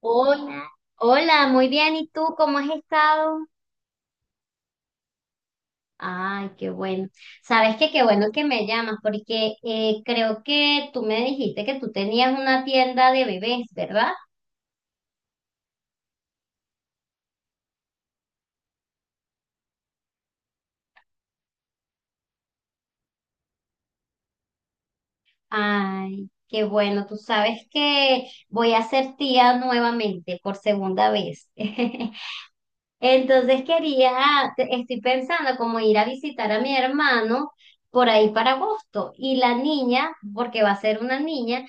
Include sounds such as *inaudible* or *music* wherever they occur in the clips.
Hola, hola, muy bien. ¿Y tú cómo has estado? Ay, qué bueno. Sabes que qué bueno que me llamas porque creo que tú me dijiste que tú tenías una tienda de bebés, ¿verdad? Ay, qué bueno. Tú sabes que voy a ser tía nuevamente por segunda vez. *laughs* Entonces estoy pensando como ir a visitar a mi hermano por ahí para agosto y la niña, porque va a ser una niña.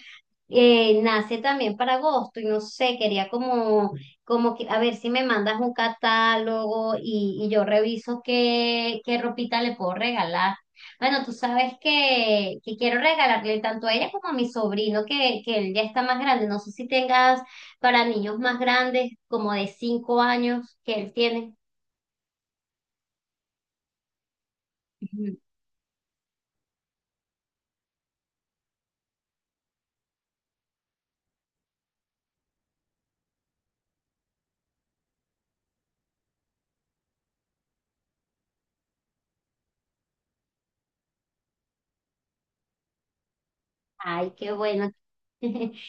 Nace también para agosto y no sé, quería como que, a ver si me mandas un catálogo y yo reviso qué ropita le puedo regalar. Bueno, tú sabes que quiero regalarle tanto a ella como a mi sobrino, que él ya está más grande. No sé si tengas para niños más grandes, como de 5 años, que él tiene. Ujú. Ay, qué bueno. *laughs*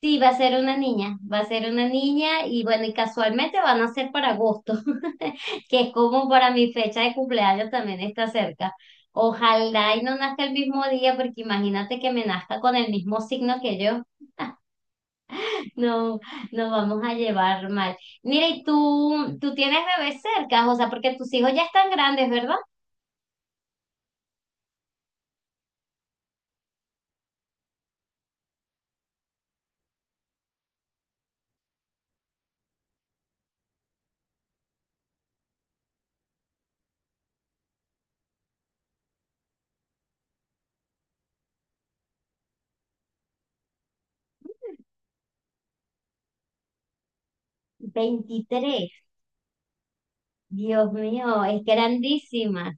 Sí, va a ser una niña, va a ser una niña y bueno, y casualmente van a ser para agosto, *laughs* que es como para mi fecha de cumpleaños también está cerca. Ojalá y no nazca el mismo día, porque imagínate que me nazca con el mismo signo que yo. *laughs* No, nos vamos a llevar mal. Mira, y tú tienes bebés cerca, o sea, porque tus hijos ya están grandes, ¿verdad? 23. Dios mío, es grandísima.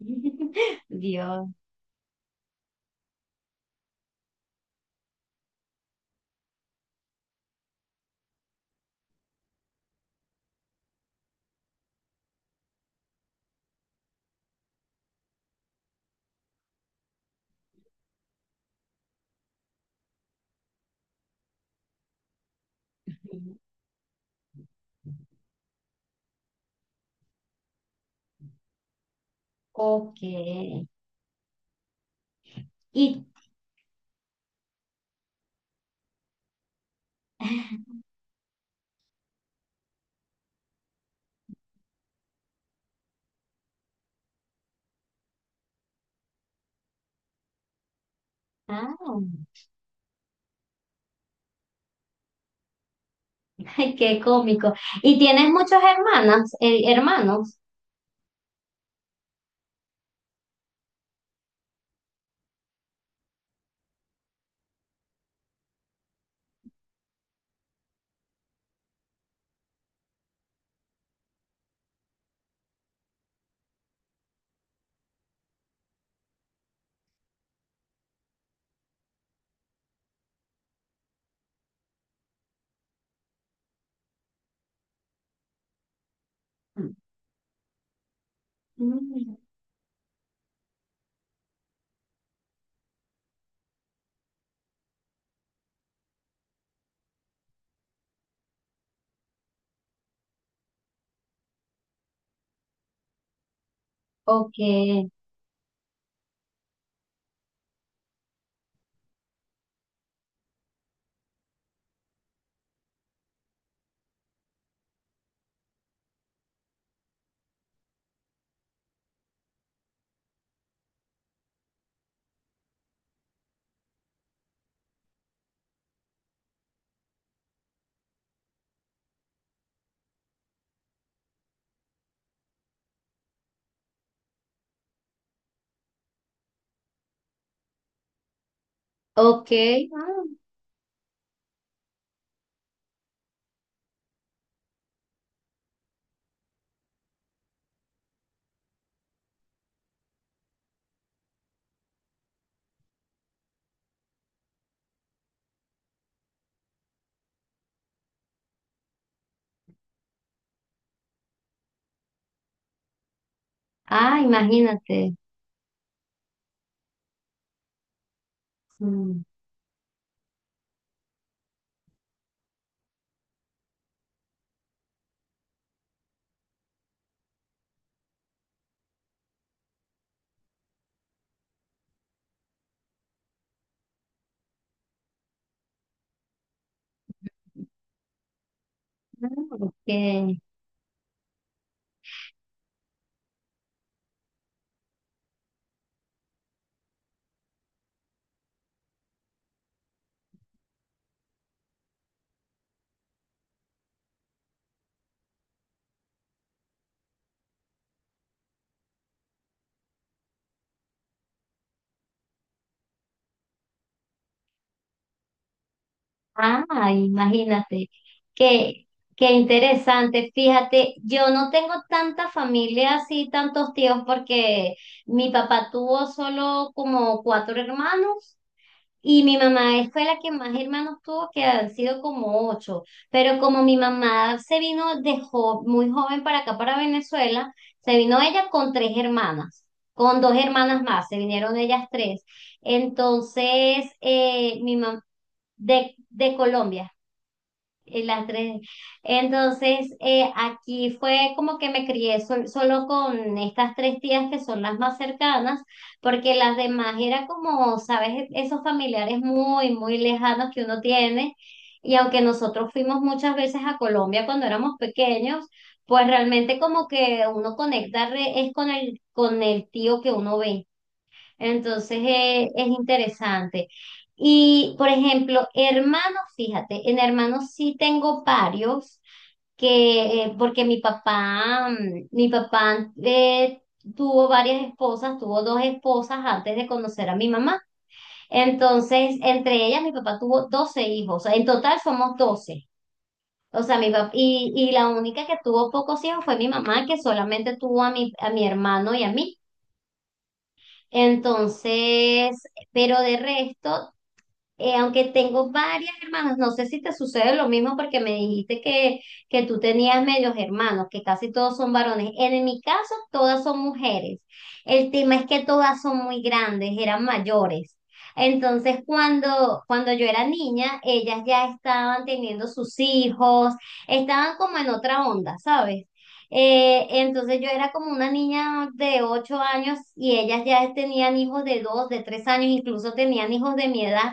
*laughs* Dios. Ok. ¿Y Ah, *laughs* ay, qué cómico. ¿Y tienes muchas hermanas, hermanos? Mm, ok, ok. Ah, ah, imagínate. Mm, ah, ok. Ah, imagínate. Qué, qué interesante. Fíjate, yo no tengo tanta familia así, tantos tíos, porque mi papá tuvo solo como cuatro hermanos. Y mi mamá fue la que más hermanos tuvo, que han sido como ocho. Pero como mi mamá se vino muy joven para acá, para Venezuela, se vino ella con tres hermanas, con dos hermanas más, se vinieron ellas tres. Entonces, mi mamá, de Colombia. Y las tres. Entonces, aquí fue como que me crié solo con estas tres tías que son las más cercanas, porque las demás era como, sabes, esos familiares muy, muy lejanos que uno tiene. Y aunque nosotros fuimos muchas veces a Colombia cuando éramos pequeños, pues realmente como que uno conecta es con el, tío que uno ve. Entonces es interesante. Y, por ejemplo, hermanos, fíjate, en hermanos sí tengo varios, que, porque mi papá tuvo varias esposas, tuvo dos esposas antes de conocer a mi mamá. Entonces, entre ellas, mi papá tuvo 12 hijos, en total somos 12. O sea, mi papá, y la única que tuvo pocos hijos fue mi mamá, que solamente tuvo a mi hermano y a mí. Entonces, pero de resto, aunque tengo varias hermanas, no sé si te sucede lo mismo porque me dijiste que tú tenías medios hermanos, que casi todos son varones. En mi caso, todas son mujeres. El tema es que todas son muy grandes, eran mayores. Entonces, cuando yo era niña, ellas ya estaban teniendo sus hijos, estaban como en otra onda, ¿sabes? Entonces yo era como una niña de 8 años y ellas ya tenían hijos de dos, de 3 años, incluso tenían hijos de mi edad.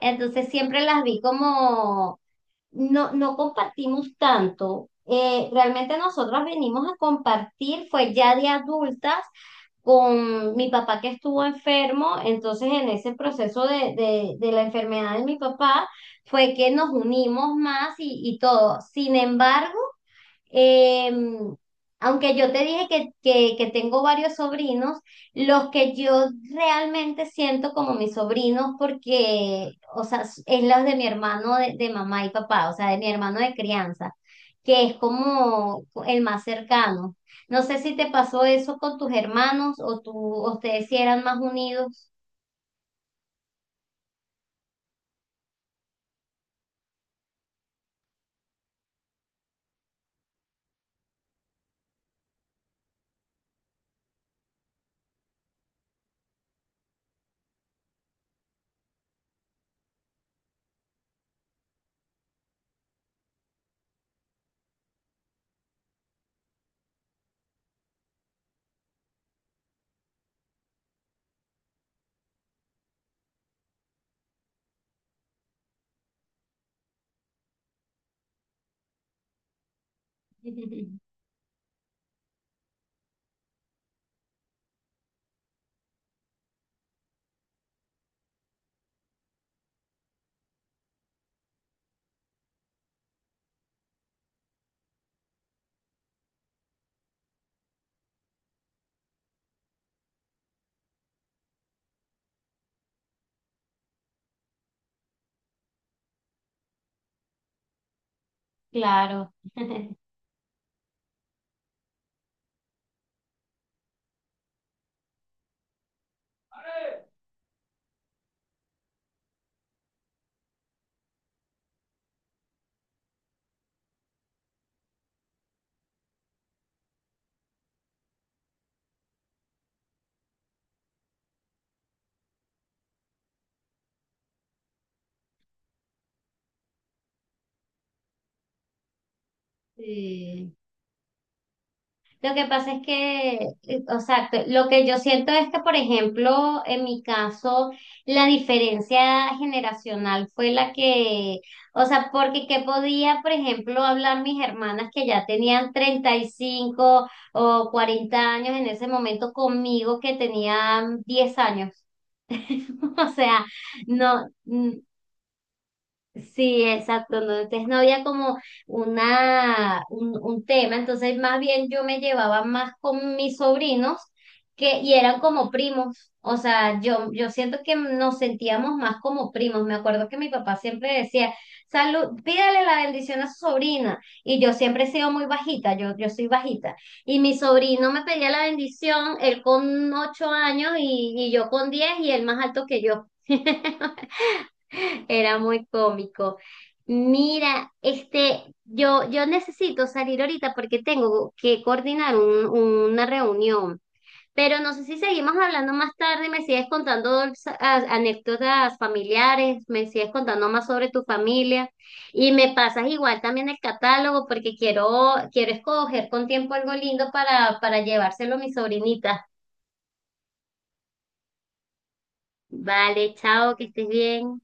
Entonces siempre las vi como, no, no compartimos tanto. Realmente nosotros venimos a compartir, fue ya de adultas, con mi papá que estuvo enfermo, entonces en ese proceso de la enfermedad de mi papá fue que nos unimos más y todo. Sin embargo, Em, aunque yo te dije que tengo varios sobrinos, los que yo realmente siento como mis sobrinos, porque, o sea, es los de mi hermano de mamá y papá, o sea, de mi hermano de crianza, que es como el más cercano. No sé si te pasó eso con tus hermanos o tú, o ustedes si eran más unidos. *laughs* Claro. *laughs* Sí. Lo que pasa es que, o sea, lo que yo siento es que, por ejemplo, en mi caso, la diferencia generacional fue la que, o sea, porque qué podía, por ejemplo, hablar mis hermanas que ya tenían 35 o 40 años en ese momento conmigo que tenían 10 años. *laughs* O sea, no, sí, exacto. No, entonces no había como un tema. Entonces, más bien yo me llevaba más con mis sobrinos que, y eran como primos. O sea, yo siento que nos sentíamos más como primos. Me acuerdo que mi papá siempre decía, salud, pídale la bendición a su sobrina. Y yo siempre he sido muy bajita, yo soy bajita. Y mi sobrino me pedía la bendición, él con 8 años y yo con 10 y él más alto que yo. *laughs* Era muy cómico. Mira, yo necesito salir ahorita porque tengo que coordinar una reunión, pero no sé si seguimos hablando más tarde, me sigues contando anécdotas familiares, me sigues contando más sobre tu familia y me pasas igual también el catálogo porque quiero escoger con tiempo algo lindo para llevárselo a mi sobrinita. Vale, chao, que estés bien.